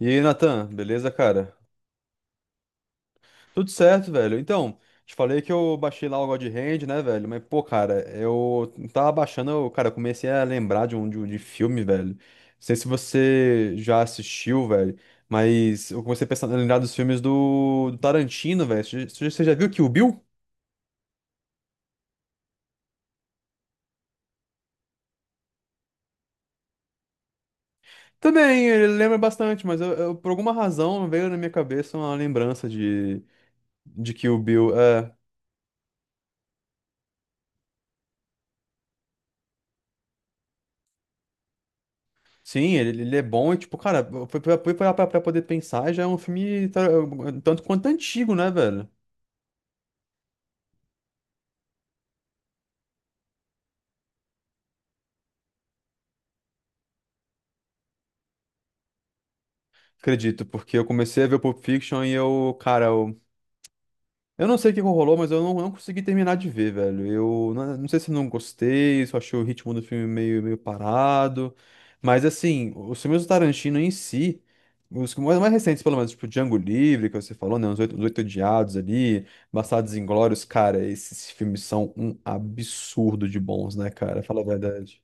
E aí, Natan, beleza, cara? Tudo certo, velho. Te falei que eu baixei lá o God Hand, né, velho? Mas, pô, cara, eu tava baixando, eu comecei a lembrar de filme, velho. Não sei se você já assistiu, velho, mas eu comecei a pensar, a lembrar dos filmes do Tarantino, velho. Já você já viu Kill Bill? Também, ele lembra bastante, mas por alguma razão veio na minha cabeça uma lembrança de Kill Bill. É. Sim, ele é bom e, tipo, cara, pra poder pensar, já é um filme tanto quanto antigo, né, velho? Acredito, porque eu comecei a ver o Pulp Fiction e eu, cara, eu não sei o que rolou, mas eu não, não consegui terminar de ver, velho. Eu não, não sei se eu não gostei, se eu achei o ritmo do filme meio parado. Mas, assim, os filmes do Tarantino em si, os que- mais mais recentes, pelo menos, tipo Django Livre, que você falou, né? Os Oito Odiados ali, Bastardos Inglórios, cara, esses filmes são um absurdo de bons, né, cara? Fala a verdade.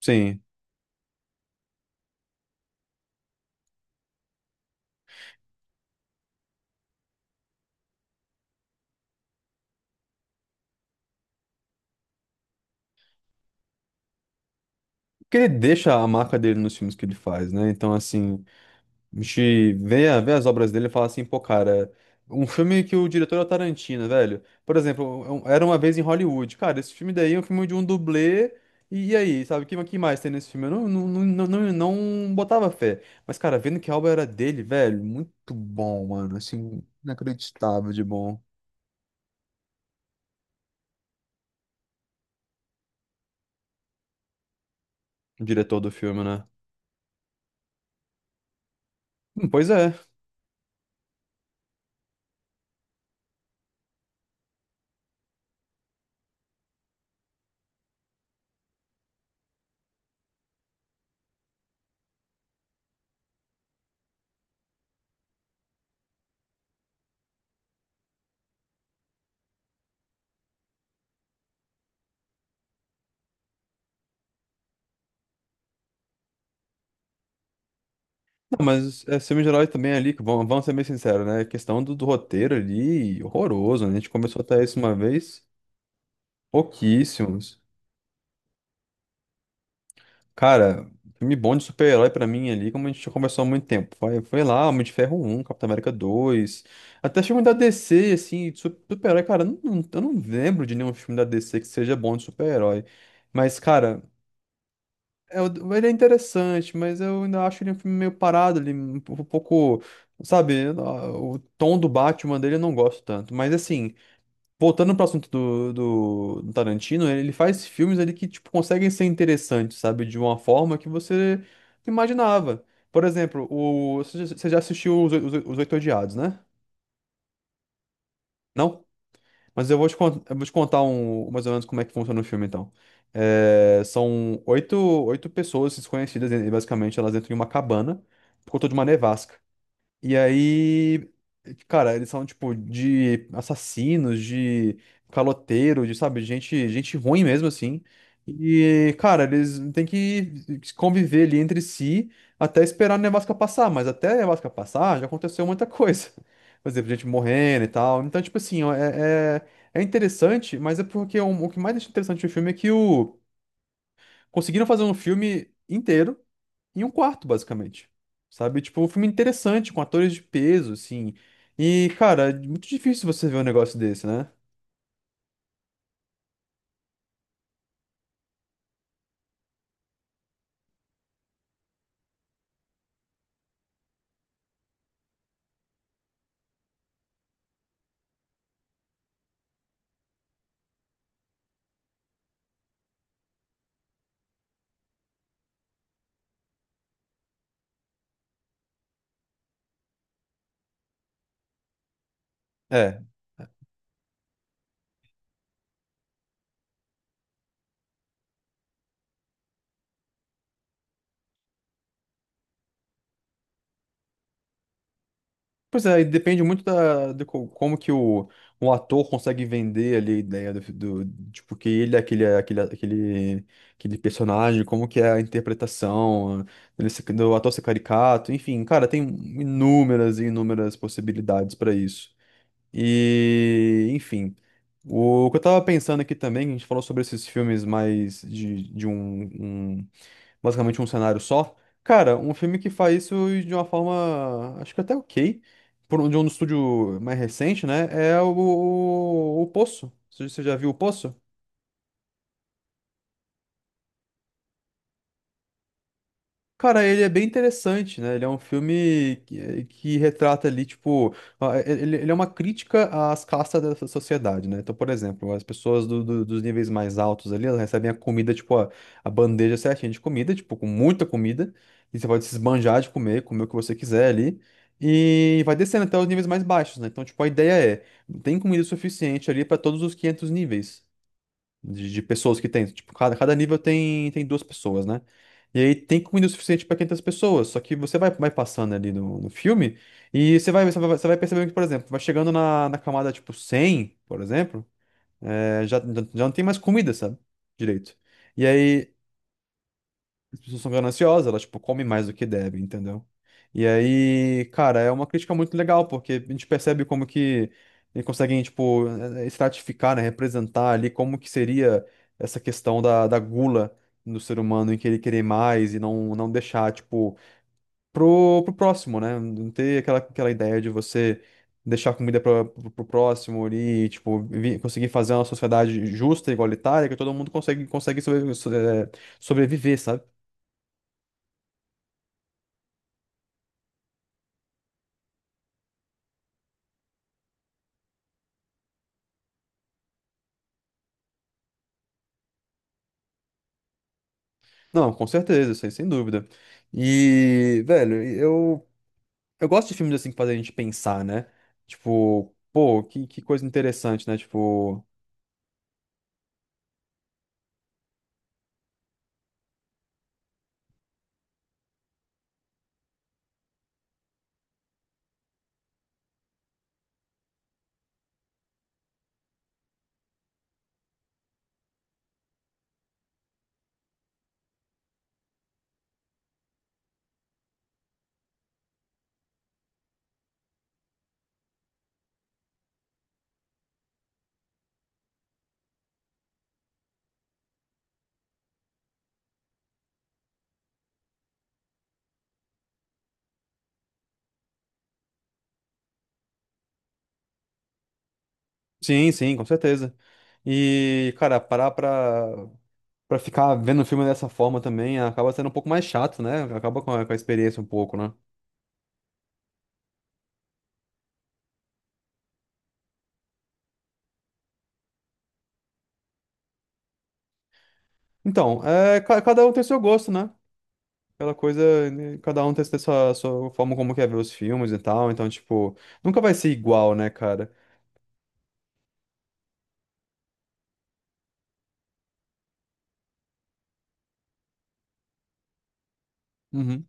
Sim. Porque ele deixa a marca dele nos filmes que ele faz, né? Então, assim, a gente vê, vê as obras dele e fala assim, pô, cara, um filme que o diretor é o Tarantino, velho. Por exemplo, Era Uma Vez em Hollywood. Cara, esse filme daí é um filme de um dublê. E aí, sabe, que mais tem nesse filme? Eu não, não, não, não, não não botava fé. Mas, cara, vendo que a obra era dele, velho, muito bom, mano. Assim, inacreditável de bom. O diretor do filme, né? Pois é. Não, mas é filme de herói também ali, vamos ser bem sinceros, né? A questão do roteiro ali, horroroso, né? A gente começou até isso uma vez. Pouquíssimos. Cara, filme bom de super-herói pra mim ali, como a gente já conversou há muito tempo. Foi lá, Homem de Ferro 1, Capitão América 2. Até filme da DC, assim, super-herói, cara, eu não lembro de nenhum filme da DC que seja bom de super-herói. Mas, cara, é, ele é interessante, mas eu ainda acho ele um filme meio parado ali, um pouco, sabe, o tom do Batman dele eu não gosto tanto. Mas assim, voltando pro assunto do Tarantino, ele faz filmes ali que, tipo, conseguem ser interessantes, sabe? De uma forma que você imaginava. Por exemplo, você já você já assistiu Os Oito Odiados, né? Não? Mas eu vou eu vou te contar um, mais ou menos como é que funciona o filme, então. É, são oito, oito pessoas desconhecidas, e basicamente, elas entram em uma cabana por conta de uma nevasca. E aí, cara, eles são tipo de assassinos, de caloteiro, de, sabe, gente ruim mesmo assim. E, cara, eles têm que conviver ali entre si até esperar a nevasca passar, mas até a nevasca passar já aconteceu muita coisa. Por exemplo, gente morrendo e tal. Então, tipo assim, ó, é interessante, mas é porque o que mais deixa interessante o filme é que conseguiram fazer um filme inteiro em um quarto, basicamente. Sabe? Tipo, um filme interessante, com atores de peso, assim. E, cara, é muito difícil você ver um negócio desse, né? É. Pois é, e depende muito como que o ator consegue vender ali a ideia tipo, que ele é aquele personagem, como que é a interpretação, do ator ser caricato, enfim, cara, tem inúmeras e inúmeras possibilidades pra isso. E, enfim, o que eu tava pensando aqui também, a gente falou sobre esses filmes mais um- basicamente um cenário só. Cara, um filme que faz isso de uma forma. Acho que até ok. Por um, de um estúdio mais recente, né? É o Poço. Você já viu o Poço? Cara, ele é bem interessante, né? Ele é um filme que, que retrata ali, tipo, ele é uma crítica às castas da sociedade, né? Então, por exemplo, as pessoas dos níveis mais altos ali, elas recebem a comida, tipo, a bandeja certinha de comida, tipo, com muita comida, e você pode se esbanjar de comer, o que você quiser ali, e vai descendo até os níveis mais baixos, né? Então, tipo, a ideia é, tem comida suficiente ali para todos os 500 níveis de pessoas que tem. Tipo, cada nível tem duas pessoas, né? E aí tem comida o suficiente para 500 pessoas, só que você vai, vai passando ali no filme e você vai percebendo que, por exemplo, vai chegando na camada tipo 100 por exemplo, é, já não tem mais comida, sabe? Direito. E aí as pessoas são gananciosas, elas, tipo, comem mais do que devem, entendeu? E aí, cara, é uma crítica muito legal, porque a gente percebe como que eles conseguem, tipo, estratificar, né, representar ali como que seria essa questão da gula do ser humano em querer querer mais e não deixar, tipo, pro próximo, né? Não ter aquela ideia de você deixar comida pro próximo ali, tipo, conseguir fazer uma sociedade justa, igualitária, que todo mundo consegue sobreviver, sabe? Não, com certeza, sem dúvida. E, velho, eu gosto de filmes assim que fazem a gente pensar, né? Tipo, pô, que coisa interessante, né? Tipo, sim, com certeza. E, cara, pra ficar vendo o filme dessa forma também acaba sendo um pouco mais chato, né? Acaba com com a experiência um pouco, né? Então, é, cada um tem seu gosto, né? Aquela coisa, né, cada um tem sua forma como quer ver os filmes e tal. Então, tipo, nunca vai ser igual, né, cara? Uhum.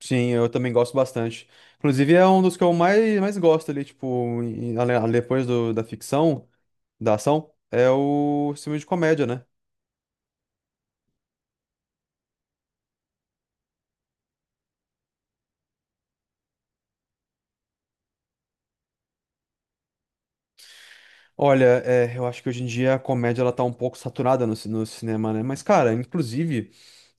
Sim, eu também gosto bastante. Inclusive, é um dos que eu mais gosto ali, tipo, depois da ficção, da ação, é o filme de comédia, né? Olha, é, eu acho que hoje em dia a comédia ela tá um pouco saturada no cinema, né? Mas, cara, inclusive,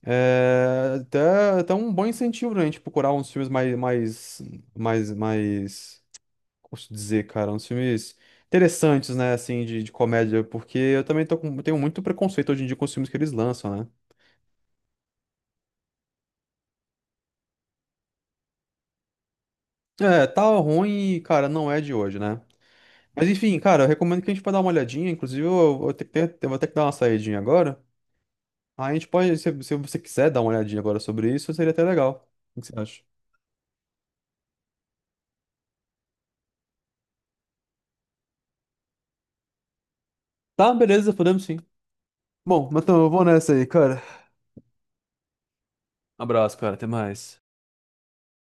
é até um bom incentivo pra gente procurar uns filmes mais, como posso dizer, cara, uns filmes interessantes, né, assim, de comédia, porque eu também tenho muito preconceito hoje em dia com os filmes que eles lançam, né? É, tá ruim, cara, não é de hoje, né? Mas enfim, cara, eu recomendo que a gente pode dar uma olhadinha. Inclusive, eu vou ter eu vou ter que dar uma saidinha agora. Aí a gente pode, se você quiser dar uma olhadinha agora sobre isso, seria até legal. O que você acha? Tá, beleza, podemos sim. Bom, mas então eu vou nessa aí, cara. Abraço, cara, até mais.